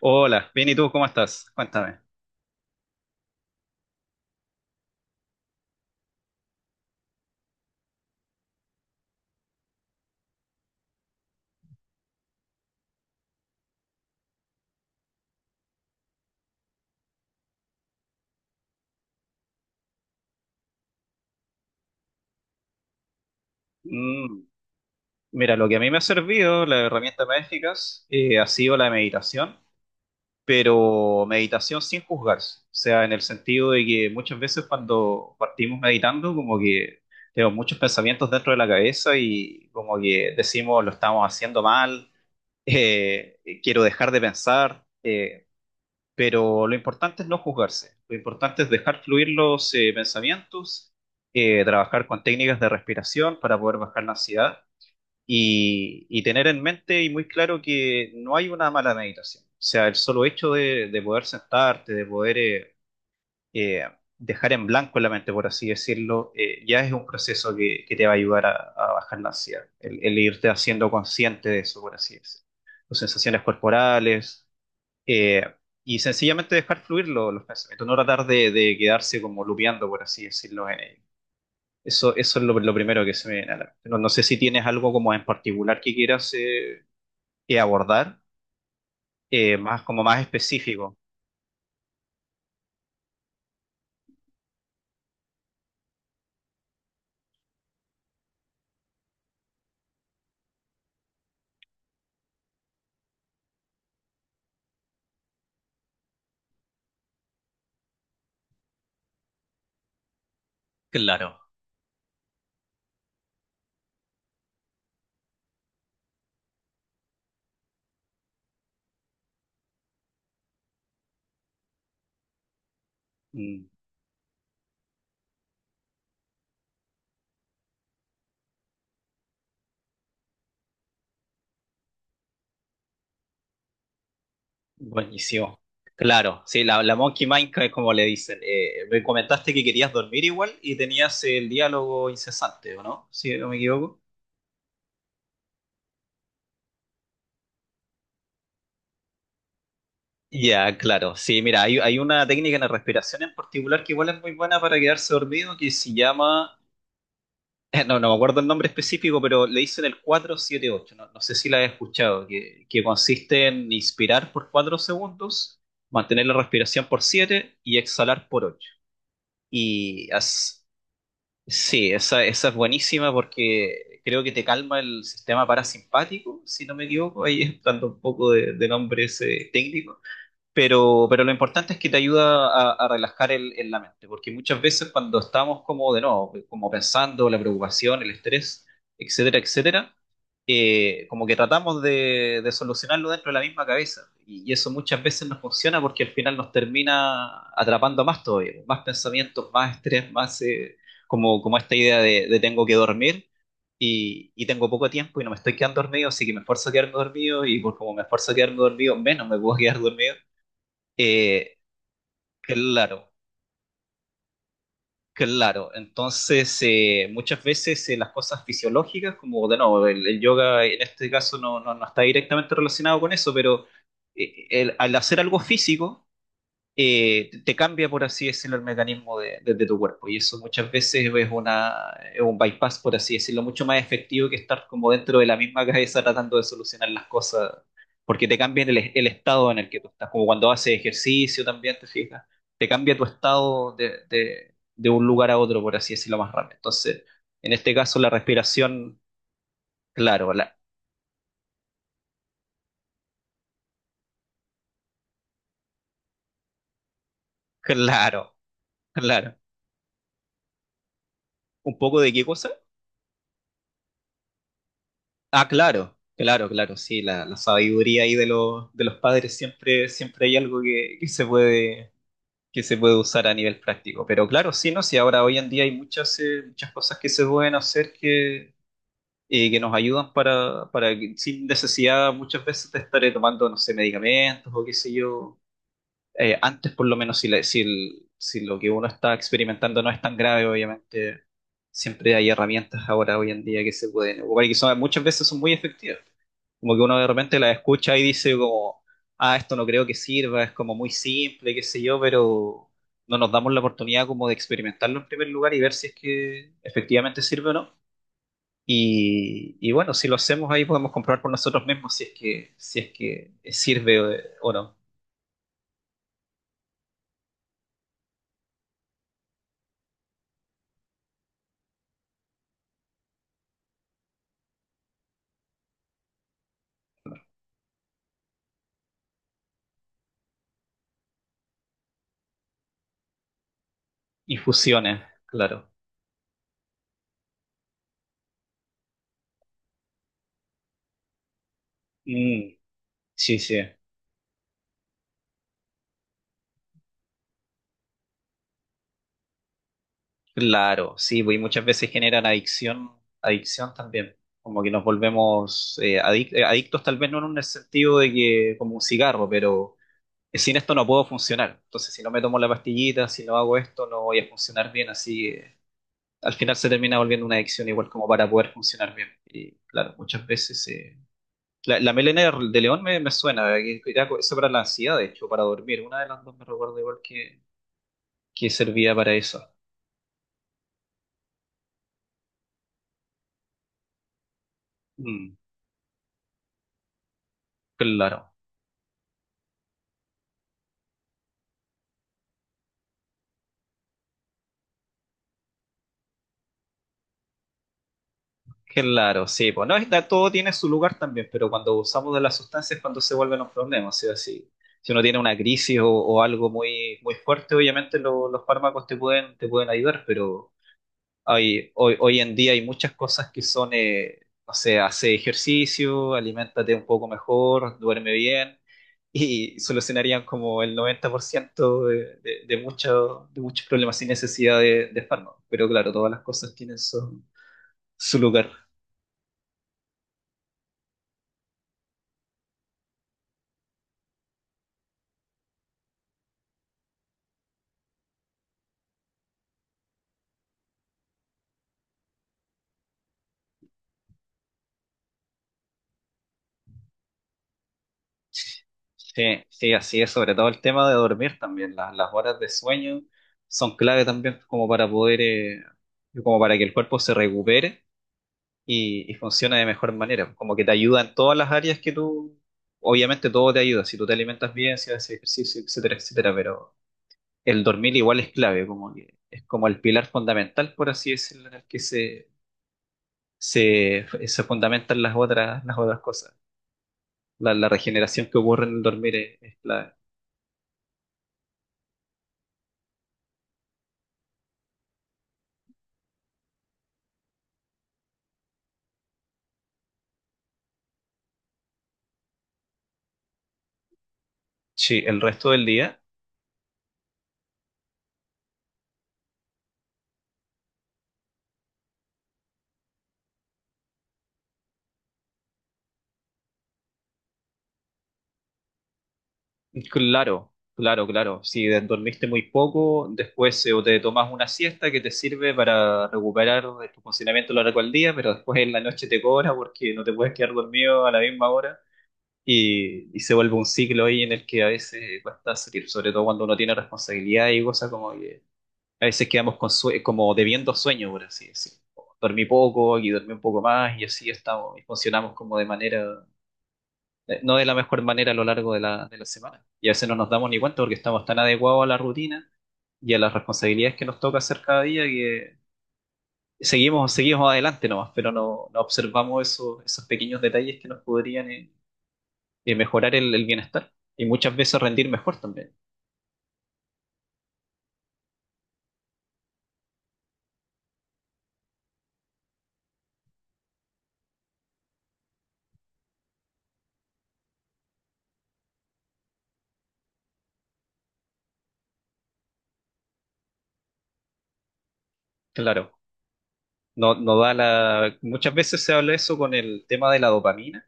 Hola, bien, ¿y tú cómo estás? Cuéntame. Mm, mira, lo que a mí me ha servido, la herramienta más eficaz, ha sido la meditación, pero meditación sin juzgarse. O sea, en el sentido de que muchas veces cuando partimos meditando, como que tenemos muchos pensamientos dentro de la cabeza y como que decimos, lo estamos haciendo mal, quiero dejar de pensar. Pero lo importante es no juzgarse, lo importante es dejar fluir los pensamientos, trabajar con técnicas de respiración para poder bajar la ansiedad y tener en mente y muy claro que no hay una mala meditación. O sea, el solo hecho de poder sentarte, de poder eh, dejar en blanco la mente, por así decirlo, ya es un proceso que te va a ayudar a bajar la ansiedad, el irte haciendo consciente de eso, por así decirlo. Tus sensaciones corporales, eh, y sencillamente dejar fluir los pensamientos, no tratar de quedarse como lupeando, por así decirlo. En ello. Eso es lo primero que se me viene a la mente. No sé si tienes algo como en particular que quieras abordar, más, como más específico. Claro. Mm, buenísimo. Claro, sí, la Monkey Mind, que es como le dicen. Me comentaste que querías dormir igual y tenías el diálogo incesante, ¿o no? Si no me equivoco. Ya, claro. Sí, mira, hay una técnica en la respiración en particular que igual es muy buena para quedarse dormido que se llama, no me acuerdo el nombre específico, pero le dicen el 478. No, no sé si la has escuchado, que consiste en inspirar por 4 segundos, mantener la respiración por 7 y exhalar por 8. Y as- sí, esa es buenísima porque creo que te calma el sistema parasimpático, si no me equivoco, ahí estando un poco de nombre ese técnico, pero lo importante es que te ayuda a relajar el la mente, porque muchas veces cuando estamos como de nuevo, como pensando la preocupación, el estrés, etcétera, etcétera, como que tratamos de solucionarlo dentro de la misma cabeza. Y eso muchas veces no funciona porque al final nos termina atrapando más todavía, más pensamientos, más estrés, más como, como esta idea de tengo que dormir y tengo poco tiempo y no me estoy quedando dormido, así que me esfuerzo a quedarme dormido y por como me esfuerzo a quedarme dormido, menos me puedo quedar dormido. Eh, claro, claro. Entonces, muchas veces las cosas fisiológicas, como de nuevo, el yoga en este caso no, no, no está directamente relacionado con eso, pero al hacer algo físico, te cambia, por así decirlo, el mecanismo de tu cuerpo. Y eso muchas veces es, una, es un bypass, por así decirlo, mucho más efectivo que estar como dentro de la misma cabeza tratando de solucionar las cosas, porque te cambia el estado en el que tú estás, como cuando haces ejercicio también, te fijas, te cambia tu estado de un lugar a otro, por así decirlo, más rápido. Entonces, en este caso, la respiración, claro, claro, claro. ¿Un poco de qué cosa? Ah, claro, claro, claro, sí, la sabiduría ahí de los padres siempre, siempre hay algo que se puede usar a nivel práctico. Pero claro, sí, ¿no? Sí, ahora hoy en día hay muchas, muchas cosas que se pueden hacer que nos ayudan para, sin necesidad muchas veces de estar tomando, no sé, medicamentos o qué sé yo. Antes, por lo menos, si, si, si lo que uno está experimentando no es tan grave, obviamente, siempre hay herramientas ahora, hoy en día, que se pueden ocupar y que son, muchas veces son muy efectivas. Como que uno de repente la escucha y dice como, ah, esto no creo que sirva, es como muy simple, qué sé yo, pero no nos damos la oportunidad como de experimentarlo en primer lugar y ver si es que efectivamente sirve o no. Y bueno, si lo hacemos ahí podemos comprobar por nosotros mismos si es que, si es que sirve o no. Infusiones, claro. Mm, sí, sí. Claro, sí, pues, y muchas veces generan adicción, adicción también, como que nos volvemos adictos tal vez no en un sentido de que como un cigarro, pero sin esto no puedo funcionar. Entonces, si no me tomo la pastillita, si no hago esto, no voy a funcionar bien, así al final se termina volviendo una adicción igual como para poder funcionar bien. Y claro, muchas veces la melena de león me suena, que era eso para la ansiedad, de hecho, para dormir, una de las dos me recuerdo igual que servía para eso. Mm, claro. Claro, sí, pues no, todo tiene su lugar también, pero cuando usamos de las sustancias es cuando se vuelven los problemas, ¿sí? Si, si uno tiene una crisis o algo muy, muy fuerte, obviamente los fármacos te pueden ayudar, pero hay, hoy, hoy en día hay muchas cosas que son, no sé, hace ejercicio, aliméntate un poco mejor, duerme bien, y solucionarían como el 90% de de muchos problemas sin necesidad de fármacos. Pero claro, todas las cosas tienen su, su lugar. Sí, sí, así es, sobre todo el tema de dormir también. Las horas de sueño son clave también como para poder, como para que el cuerpo se recupere y funcione de mejor manera. Como que te ayuda en todas las áreas que tú, obviamente todo te ayuda, si tú te alimentas bien, si haces ejercicio, etcétera, etcétera, pero el dormir igual es clave, como que es como el pilar fundamental, por así decirlo, en el que se fundamentan las otras cosas. La regeneración que ocurre en el dormir es clave. Sí, el resto del día. Claro, claro, claro. Si dormiste muy poco, después o te tomas una siesta que te sirve para recuperar de tu funcionamiento a lo largo del día, pero después en la noche te cobra porque no te puedes quedar dormido a la misma hora y se vuelve un ciclo ahí en el que a veces cuesta salir, sobre todo cuando uno tiene responsabilidad y cosas como que a veces quedamos con como debiendo sueño, por así decirlo. Dormí poco y dormí un poco más y así estamos y funcionamos como de manera no de la mejor manera a lo largo de la semana. Y a veces no nos damos ni cuenta porque estamos tan adecuados a la rutina y a las responsabilidades que nos toca hacer cada día que seguimos, seguimos adelante nomás, pero no, no observamos esos, esos pequeños detalles que nos podrían mejorar el bienestar y muchas veces rendir mejor también. Claro, no, no da la... Muchas veces se habla eso con el tema de la dopamina.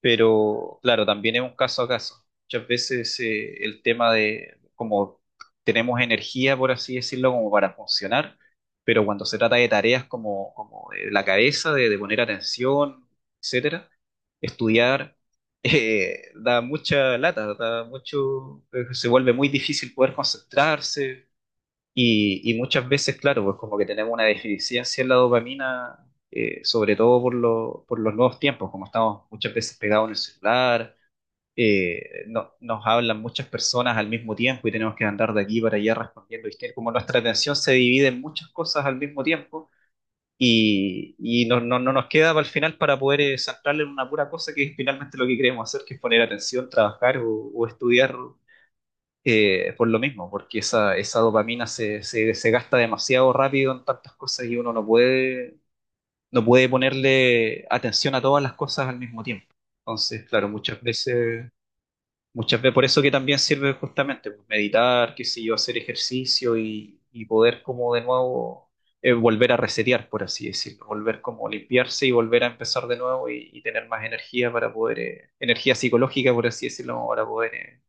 Pero claro, también es un caso a caso. Muchas veces el tema de como tenemos energía, por así decirlo, como para funcionar, pero cuando se trata de tareas como, como de la cabeza, de poner atención, etcétera, estudiar da mucha lata, da mucho, se vuelve muy difícil poder concentrarse, y muchas veces, claro, pues como que tenemos una deficiencia en la dopamina, sobre todo por, por los nuevos tiempos, como estamos muchas veces pegados en el celular, nos hablan muchas personas al mismo tiempo y tenemos que andar de aquí para allá respondiendo, ¿viste? Como nuestra atención se divide en muchas cosas al mismo tiempo y no, no nos queda para el final para poder centrarle en una pura cosa que es finalmente lo que queremos hacer, que es poner atención, trabajar o estudiar por lo mismo, porque esa dopamina se, se, se gasta demasiado rápido en tantas cosas y uno no puede, no puede ponerle atención a todas las cosas al mismo tiempo. Entonces, claro, muchas veces, por eso que también sirve justamente pues, meditar, qué sé yo, hacer ejercicio y poder como de nuevo volver a resetear, por así decirlo, volver como limpiarse y volver a empezar de nuevo y tener más energía para poder, energía psicológica, por así decirlo, para poder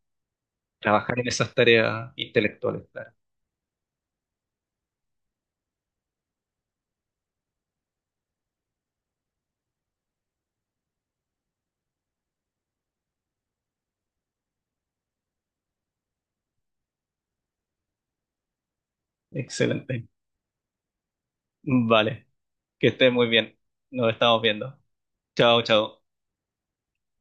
trabajar en esas tareas intelectuales, claro. Excelente. Vale, que estés muy bien. Nos estamos viendo. Chao, chao.